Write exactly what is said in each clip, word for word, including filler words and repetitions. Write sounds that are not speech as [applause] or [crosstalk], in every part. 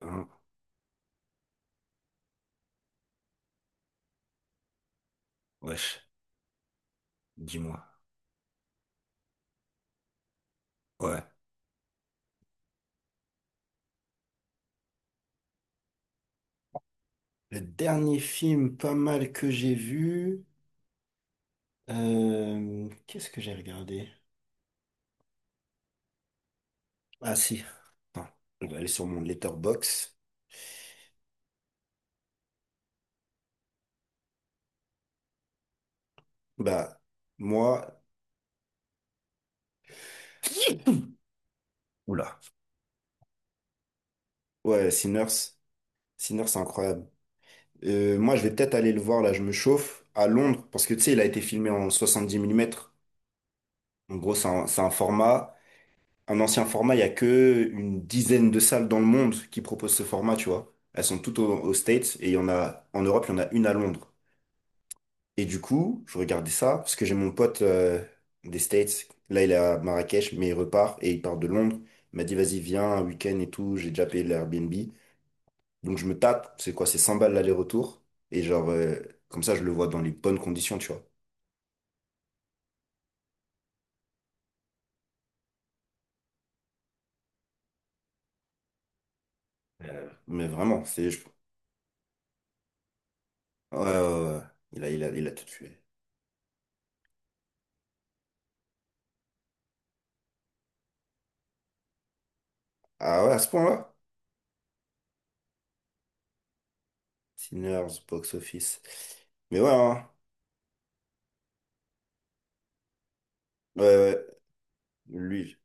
Hein, wesh, dis-moi. Ouais. Le dernier film pas mal que j'ai vu. Euh, qu'est-ce que j'ai regardé? Ah si. Attends, on va aller sur mon letterbox. Bah, moi. [clears throat] Oula. Ouais, Sinners. Sinners, c'est incroyable. Euh, moi, je vais peut-être aller le voir, là, je me chauffe, à Londres, parce que tu sais, il a été filmé en soixante-dix millimètres. En gros, c'est un, c'est un format, un ancien format. Il y a que une dizaine de salles dans le monde qui proposent ce format, tu vois. Elles sont toutes au- aux States, et il y en a en Europe, il y en a une à Londres. Et du coup, je regardais ça parce que j'ai mon pote euh, des States. Là, il est à Marrakech, mais il repart et il part de Londres. Il m'a dit, vas-y, viens, un week-end et tout. J'ai déjà payé l'Airbnb. Donc, je me tape. C'est quoi? C'est cent balles l'aller-retour. Et genre, euh, comme ça, je le vois dans les bonnes conditions, tu vois. Euh, mais vraiment, c'est. Je- ouais, ouais, ouais. ouais. Il a, il a, il a tout tué. Ah ouais, à ce point-là? Sinners, box office. Mais ouais, hein. Ouais, ouais. ouais. Lui,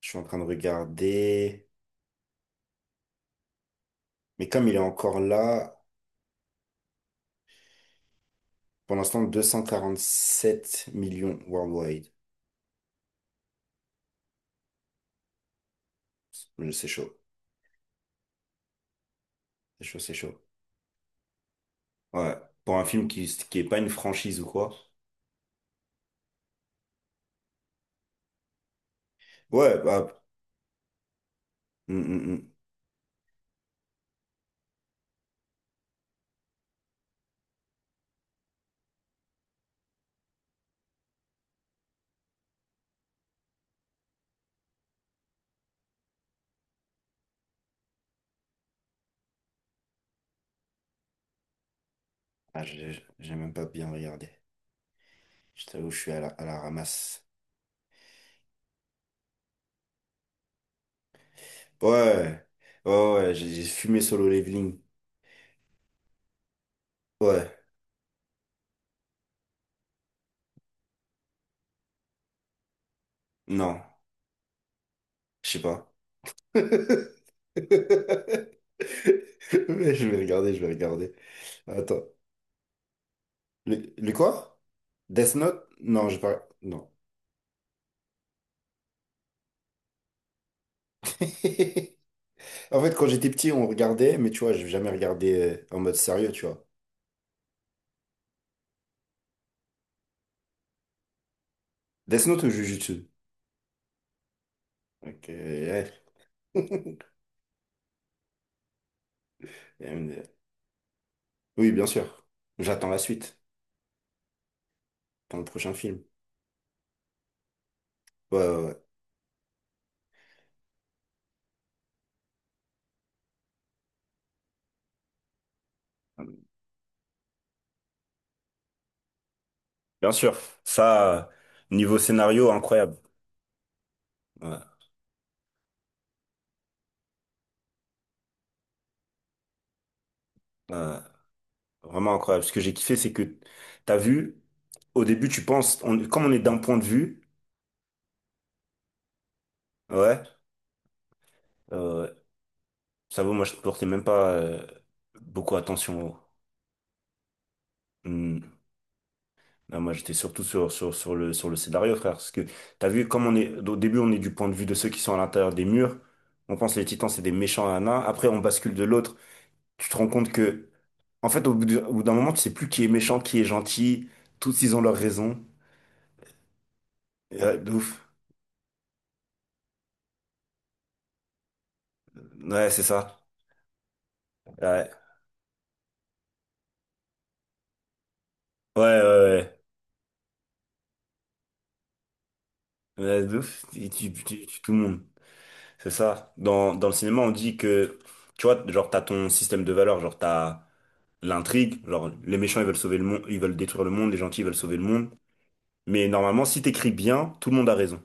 je suis en train de regarder. Mais comme il est encore là, pour l'instant, sept millions worldwide. C'est chaud. C'est chaud, c'est chaud. Ouais. Pour un film qui, qui est pas une franchise ou quoi. Ouais, bah. Hum, hum, hum. Ah, j'ai j'ai même pas bien regardé. Je t'avoue, je suis à la, à la ramasse. Ouais. Ouais, ouais, ouais, j'ai j'ai fumé Solo Leveling. Ouais. Non. Je sais pas. [laughs] Mais je vais regarder, je vais regarder. Attends. Le, le quoi? Death Note? Non, je pas. Non. [laughs] En fait, quand j'étais petit, on regardait, mais tu vois, j'ai jamais regardé euh, en mode sérieux, tu vois. Death Note ou Jujutsu? Ok, ouais. [laughs] Euh, oui, bien sûr. J'attends la suite dans le prochain film. Ouais, ouais, ouais. Bien sûr. Ça, niveau scénario, incroyable. Ouais, ouais. Vraiment incroyable. Ce que j'ai kiffé, c'est que t'as vu, au début, tu penses, on, comme on est d'un point de vue, ouais, euh, ça vaut, moi, je ne portais même pas euh, beaucoup attention. Au- hmm. Non, moi, j'étais surtout sur, sur, sur le, sur le scénario, frère. Parce que t'as vu, comme on est, au début, on est du point de vue de ceux qui sont à l'intérieur des murs. On pense les titans, c'est des méchants, nains. Après, on bascule de l'autre. Tu te rends compte que, en fait, au bout du- au bout d'un moment, tu sais plus qui est méchant, qui est gentil. Tous, ils ont leurs raisons. Ouais, de ouf. Ouais, c'est ça. Ouais. Ouais, ouais, ouais. Ouais, de ouf, tu, tu, tu- tu- tout le monde. C'est ça. Dans, dans le cinéma, on dit que, tu vois, genre, t'as ton système de valeurs, genre, t'as l'intrigue, genre, les méchants, ils veulent sauver le monde, ils veulent détruire le monde, les gentils, ils veulent sauver le monde. Mais normalement, si t'écris bien, tout le monde a raison.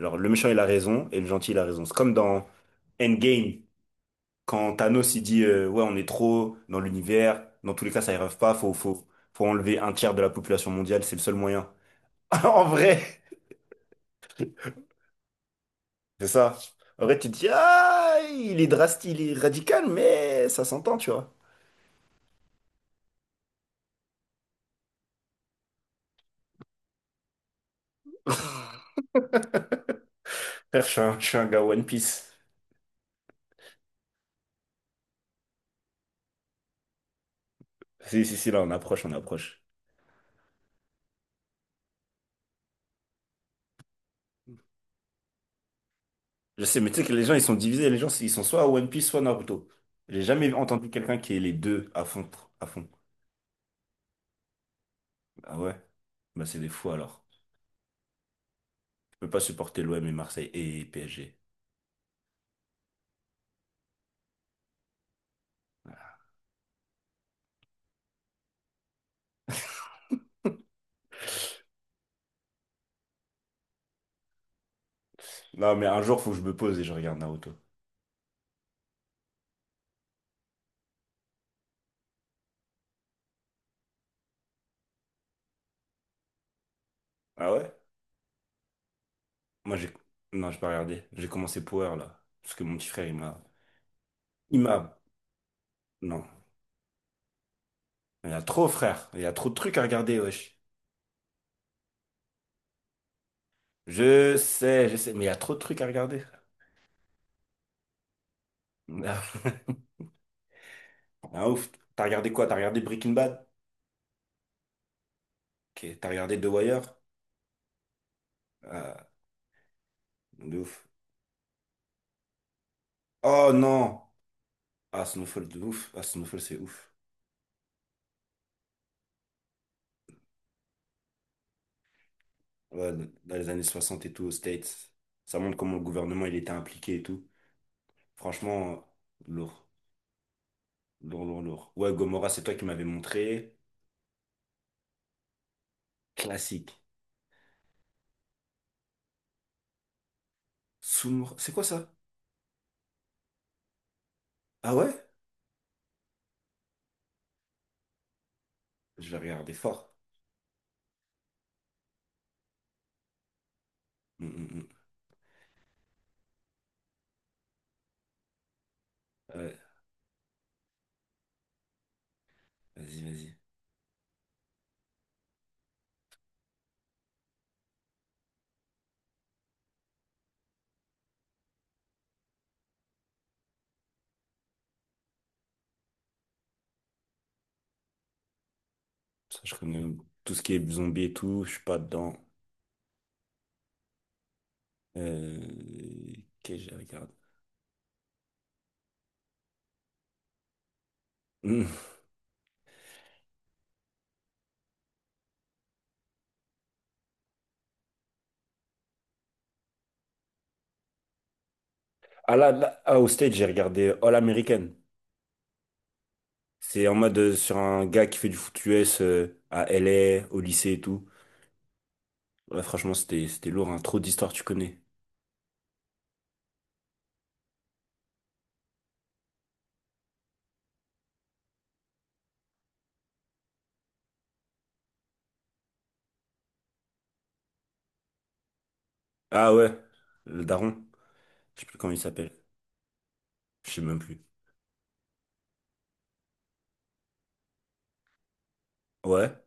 Genre, le méchant, il a raison, et le gentil, il a raison. C'est comme dans Endgame, quand Thanos, il dit, euh, ouais, on est trop dans l'univers, dans tous les cas, ça y rêve pas, faut, faut, faut enlever un tiers de la population mondiale, c'est le seul moyen. [laughs] En vrai! C'est ça. En vrai, tu te dis, ah, il est drastique, il est radical, mais ça s'entend, tu vois. Frère, je suis un, je suis un gars One Piece. Si, si, si, là, on approche, on approche. Je sais, mais tu sais que les gens, ils sont divisés. Les gens, ils sont soit One Piece, soit Naruto. J'ai jamais entendu quelqu'un qui est les deux à fond, à fond. Ah ouais? Bah, c'est des fous, alors. Je peux pas supporter l'O M et Marseille et P S G. Non, mais un jour, faut que je me pose et je regarde Naruto. Ah ouais? Moi, j'ai... non, j'ai pas regardé. J'ai commencé Power, là. Parce que mon petit frère, il m'a... il m'a... non. Il y a trop, frère. Il y a trop de trucs à regarder, wesh. Je sais, je sais, mais il y a trop de trucs à regarder. Ah, [laughs] ah, ouf. T'as regardé quoi? T'as regardé Breaking Bad? Ok. T'as regardé The Wire? Ah, de ouf. Oh non! Ah, Snowfall, de ouf. Ah, Snowfall, c'est ouf. Ouais, dans les années soixante et tout, aux States. Ça montre comment le gouvernement, il était impliqué et tout. Franchement, lourd. Lourd, lourd, lourd. Ouais, Gomorrah, c'est toi qui m'avais montré. Classique. Soumbre. C'est quoi ça? Ah ouais? Je vais regarder fort. Mm, mm, mm. Euh, vas-y, vas-y. Ça, je connais tout ce qui est zombie et tout, je suis pas dedans. Euh... Qu'est-ce que j'ai regardé? Hmm. Ah là, là, ah, au stage, j'ai regardé All American. C'est en mode euh, sur un gars qui fait du foot U S euh, à L A, au lycée et tout. Ouais, franchement, c'était c'était lourd, hein. Trop d'histoires, tu connais. Ah ouais, le daron. Je sais plus comment il s'appelle. Je sais même plus. Ouais,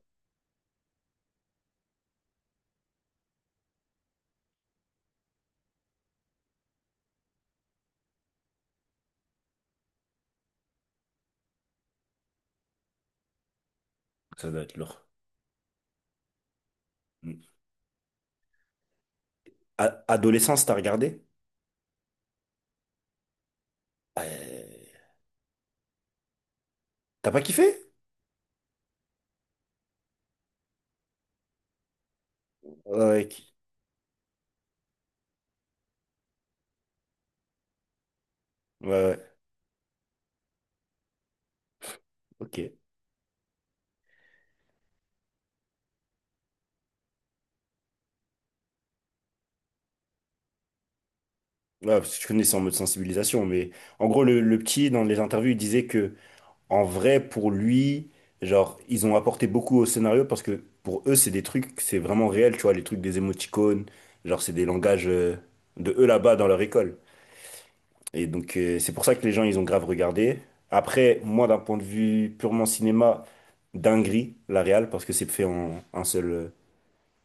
ça doit être lourd. Hmm. A- adolescence, t'as regardé? Euh, T'as pas kiffé? Ouais, ouais, ouais. Ok. Ouais, parce que je connais, c'est en mode sensibilisation, mais en gros, le, le petit, dans les interviews, il disait que, en vrai, pour lui, genre, ils ont apporté beaucoup au scénario parce que pour eux, c'est des trucs, c'est vraiment réel, tu vois, les trucs des émoticônes, genre, c'est des langages euh, de eux là-bas dans leur école. Et donc, euh, c'est pour ça que les gens, ils ont grave regardé. Après, moi, d'un point de vue purement cinéma, dinguerie, la réal, parce que c'est fait en un seul, euh,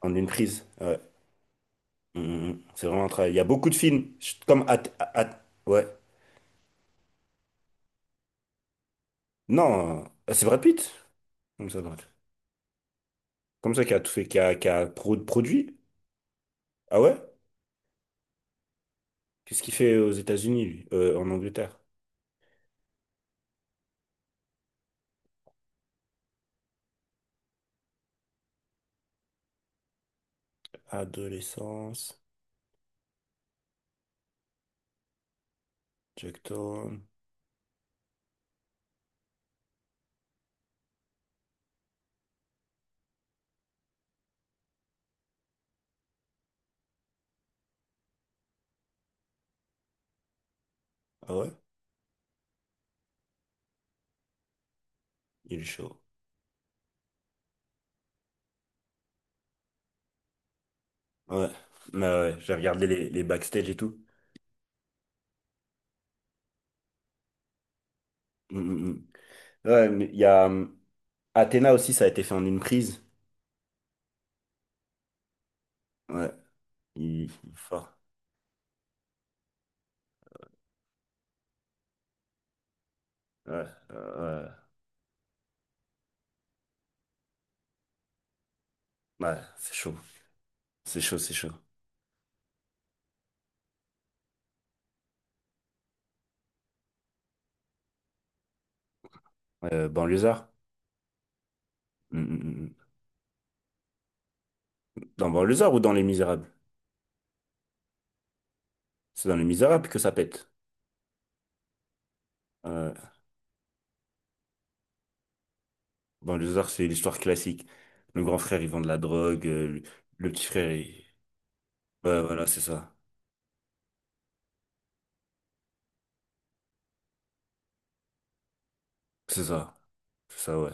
en une prise. Ouais. Mm, mm, mm. C'est vraiment un travail. Il y a beaucoup de films, je- comme At- At- ouais. Non, euh, c'est Brad Pitt. Comme ça, Brad. Comme ça, qui a tout fait, qui a, qui a pro- produit. Ah ouais? Qu'est-ce qu'il fait aux États-Unis, lui? Euh, en Angleterre. Adolescence, Jack Thorne. Ah ouais? Il est chaud. Ah ouais. Mais ouais, j'ai regardé les, les backstage et tout. Mm, mm, mm. Ouais, mais il y a hum, Athena aussi, ça a été fait en une prise. Ouais. Il, il est fort. Ouais, euh, ouais. Ouais, c'est chaud. C'est chaud, c'est chaud. Euh, banlieusard? Mm, mm, mm, mm. Dans Banlieusard ou dans Les Misérables? C'est dans Les Misérables que ça pète. Euh, dans les arts, c'est l'histoire classique. Le grand frère, il vend de la drogue. Euh, le, le petit frère, il... ouais, voilà, c'est ça. C'est ça. C'est ça, ouais.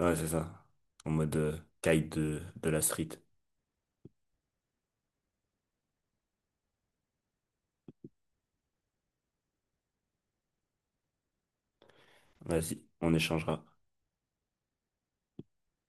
Ouais, c'est ça. En mode euh, caïd de, de la street. Vas-y, on échangera.